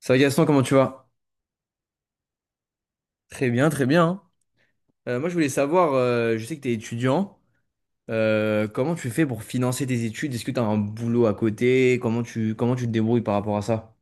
Ça va Gaston, comment tu vas? Très bien, très bien, hein. Moi, je voulais savoir, je sais que tu es étudiant, comment tu fais pour financer tes études? Est-ce que tu as un boulot à côté? Comment tu te débrouilles par rapport à ça?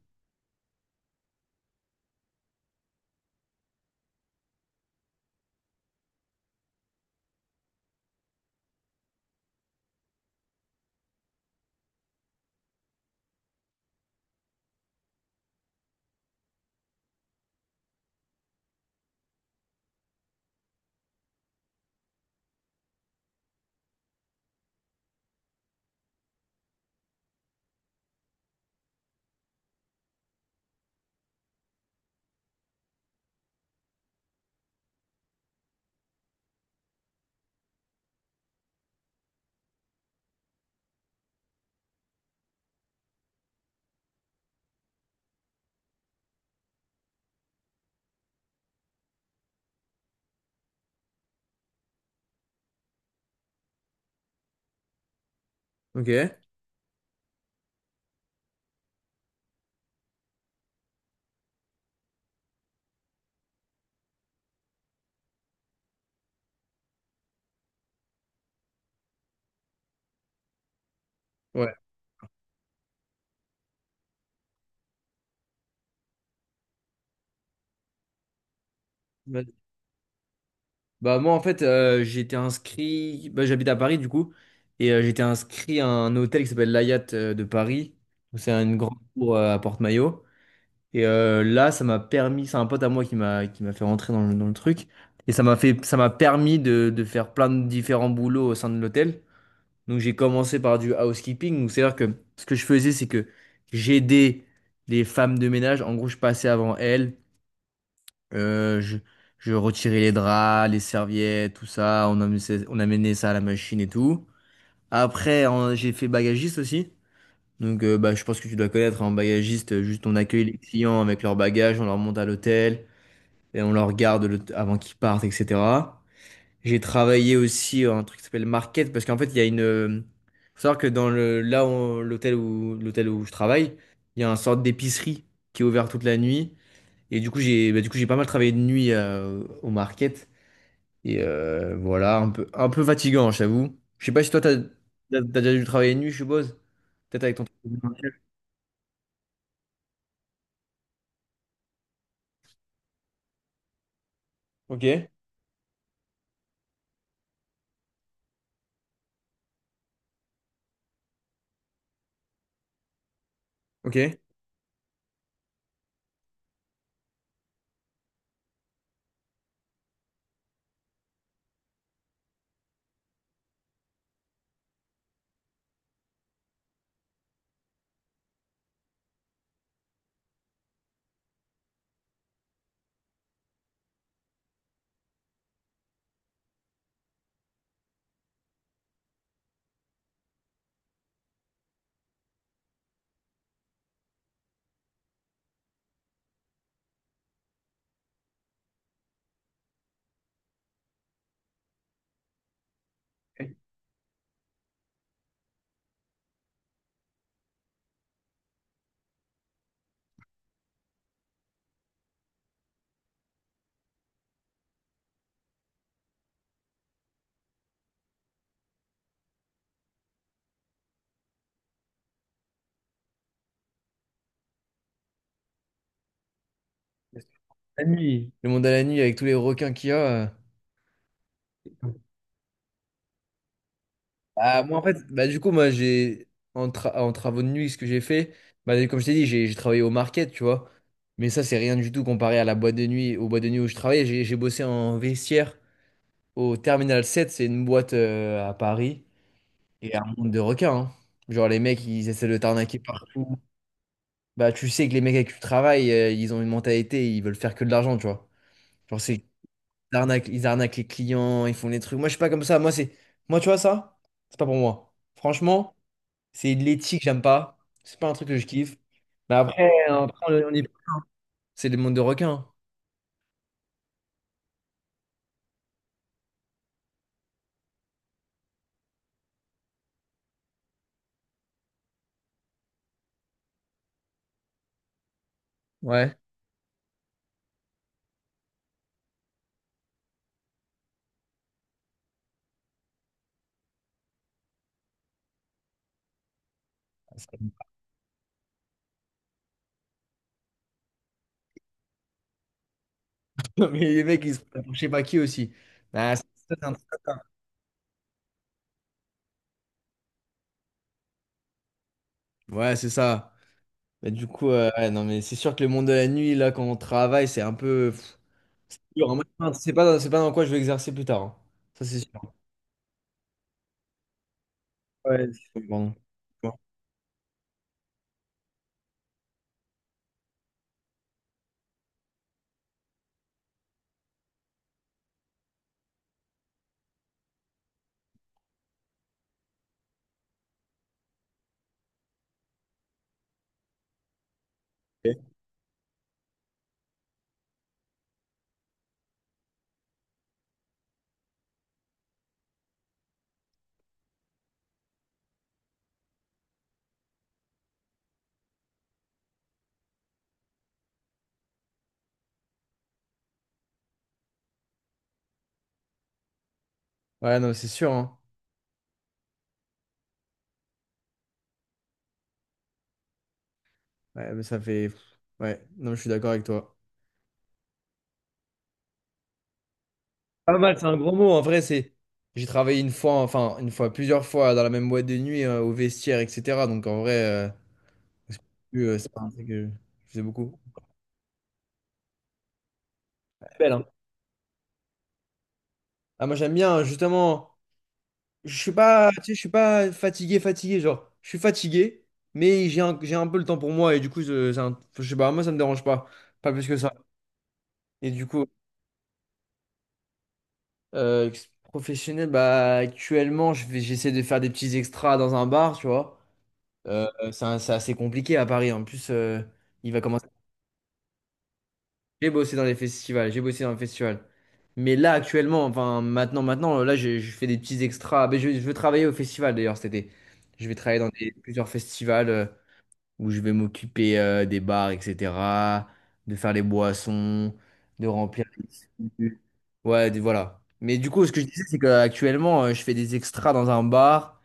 Ok. Ouais. Vas-y. Moi, en fait, j'étais inscrit, bah, j'habite à Paris, du coup, et j'étais inscrit à un hôtel qui s'appelle l'Hyatt de Paris. C'est une grande cour à Porte-Maillot. Et là, ça m'a permis, c'est un pote à moi qui m'a fait rentrer dans le truc. Et ça m'a permis de faire plein de différents boulots au sein de l'hôtel. Donc j'ai commencé par du housekeeping. Donc c'est-à-dire que ce que je faisais, c'est que j'aidais les femmes de ménage. En gros, je passais avant elles. Euh, je, je retirais les draps, les serviettes, tout ça. On amenait ça à la machine et tout. Après, j'ai fait bagagiste aussi. Donc, bah, je pense que tu dois connaître un bagagiste, juste on accueille les clients avec leurs bagages, on leur monte à l'hôtel, et on leur regarde avant qu'ils partent, etc. J'ai travaillé aussi un truc qui s'appelle Market, parce qu'en fait, il y a une... Faut savoir que dans le, là, où- l'hôtel l'hôtel où je travaille, il y a une sorte d'épicerie qui est ouverte toute la nuit. Et du coup, j'ai pas mal travaillé de nuit au Market. Et voilà, un peu fatigant, j'avoue. Je sais pas si toi, t'as déjà dû travailler de nuit, je suppose. Peut-être avec ton... Ok, ok. La nuit. Le monde à la nuit avec tous les requins qu'il y a. euh. Bah, moi, en fait, bah, du coup, moi, j'ai, en, tra- en travaux de nuit, ce que j'ai fait, bah, comme je t'ai dit, j'ai travaillé au market, tu vois. Mais ça, c'est rien du tout comparé à la boîte de nuit, aux boîtes de nuit où je travaillais. J'ai bossé en vestiaire au Terminal 7, c'est une boîte à Paris. Et un monde de requins, hein. Genre, les mecs, ils essaient de t'arnaquer partout. Bah, tu sais que les mecs avec qui tu travailles, ils ont une mentalité, ils veulent faire que de l'argent, tu vois. Genre, c'est, ils arnaquent les clients, ils font des trucs. Moi, je suis pas comme ça. Moi, tu vois, ça, c'est pas pour moi. Franchement. C'est de l'éthique, j'aime pas. C'est pas un truc que je kiffe. Mais après, on y... C'est des mondes de requins, hein. Ouais. Mais les mecs, ils sont pour je sais pas qui aussi. Bah, c'est ça, c'est un truc comme ça. Ouais, c'est ça. Mais du coup, ouais, non, mais c'est sûr que le monde de la nuit, là, quand on travaille, c'est un peu pff, dur, hein. Moi, c'est pas dans quoi je vais exercer plus tard, hein. Ça, c'est sûr. Ouais, pardon. Ouais, non, mais c'est sûr, hein. Ouais, mais ça fait. Ouais, non, mais je suis d'accord avec toi. Pas mal, c'est un gros mot. En vrai, c'est. J'ai travaillé une fois, enfin, une fois, plusieurs fois dans la même boîte de nuit, au vestiaire, etc. Donc, en vrai, c'est euh, c'est pas un truc que je faisais beaucoup. Belle, hein. Ah, moi, j'aime bien, justement. Je suis pas, tu sais, je suis pas fatigué, fatigué. Genre, je suis fatigué, mais j'ai un peu le temps pour moi. Et du coup, je sais pas, moi, ça me dérange pas. Pas plus que ça. Et du coup, professionnel, bah, actuellement, j'essaie de faire des petits extras dans un bar, tu vois. C'est assez compliqué à Paris. En plus, il va commencer. J'ai bossé dans les festivals. Mais là, actuellement, enfin, maintenant, là, je fais des petits extras. Mais je veux travailler au festival d'ailleurs cet été. Je vais travailler dans plusieurs festivals où je vais m'occuper des bars, etc., de faire les boissons, de remplir les... Ouais, voilà. Mais du coup, ce que je disais, c'est qu'actuellement, je fais des extras dans un bar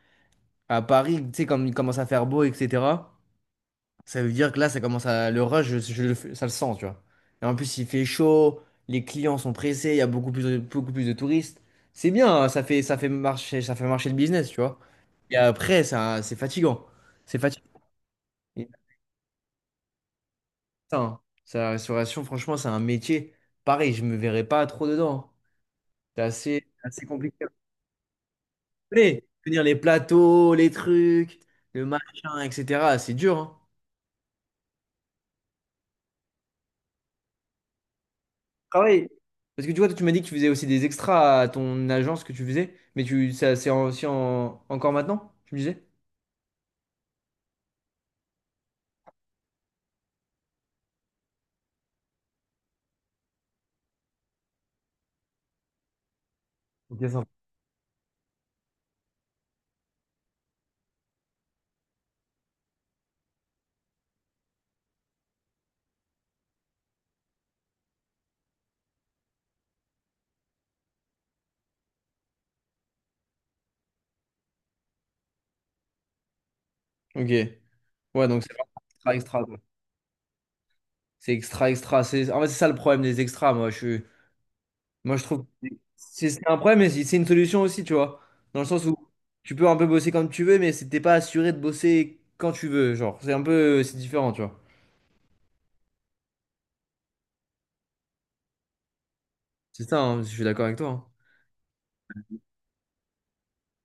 à Paris, tu sais, comme il commence à faire beau, etc. Ça veut dire que là, ça commence à... Le rush, je le ça le sent, tu vois. Et en plus, il fait chaud, les clients sont pressés, il y a beaucoup plus de touristes. C'est bien, hein, ça fait marcher le business, tu vois. Et après, ça, c'est fatigant. C'est fatigant. Et putain, ça, la restauration, franchement, c'est un métier. Pareil, je me verrais pas trop dedans, hein. C'est assez, assez compliqué. Mais tenir les plateaux, les trucs, le machin, etc., c'est dur, hein. Travail. Parce que tu vois, toi, tu m'as dit que tu faisais aussi des extras à ton agence que tu faisais, mais tu, ça, c'est encore maintenant, tu me disais? Ok, ça va. Ok. Ouais, donc c'est vraiment extra, extra, quoi. C'est extra, extra. C'est... En fait, c'est ça le problème des extras, moi. Moi, je trouve que c'est un problème, mais c'est une solution aussi, tu vois. Dans le sens où tu peux un peu bosser quand tu veux, mais t'es pas assuré de bosser quand tu veux. Genre, c'est un peu... C'est différent, tu vois. C'est ça, hein, je suis d'accord avec toi, hein.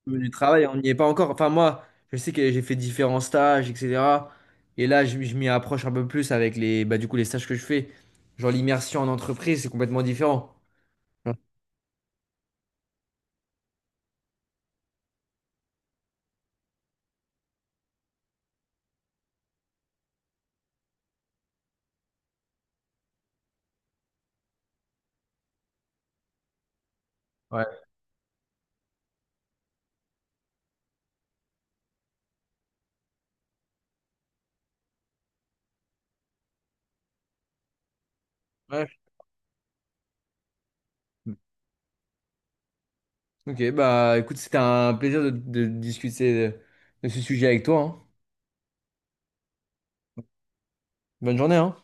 Du travail, on n'y est pas encore. Enfin, moi, je sais que j'ai fait différents stages, etc. Et là, je m'y approche un peu plus avec les, bah, du coup, les stages que je fais. Genre, l'immersion en entreprise, c'est complètement différent. Ouais. Ouais. Ok, bah écoute, c'était un plaisir de discuter de ce sujet avec toi, hein. Bonne journée, hein.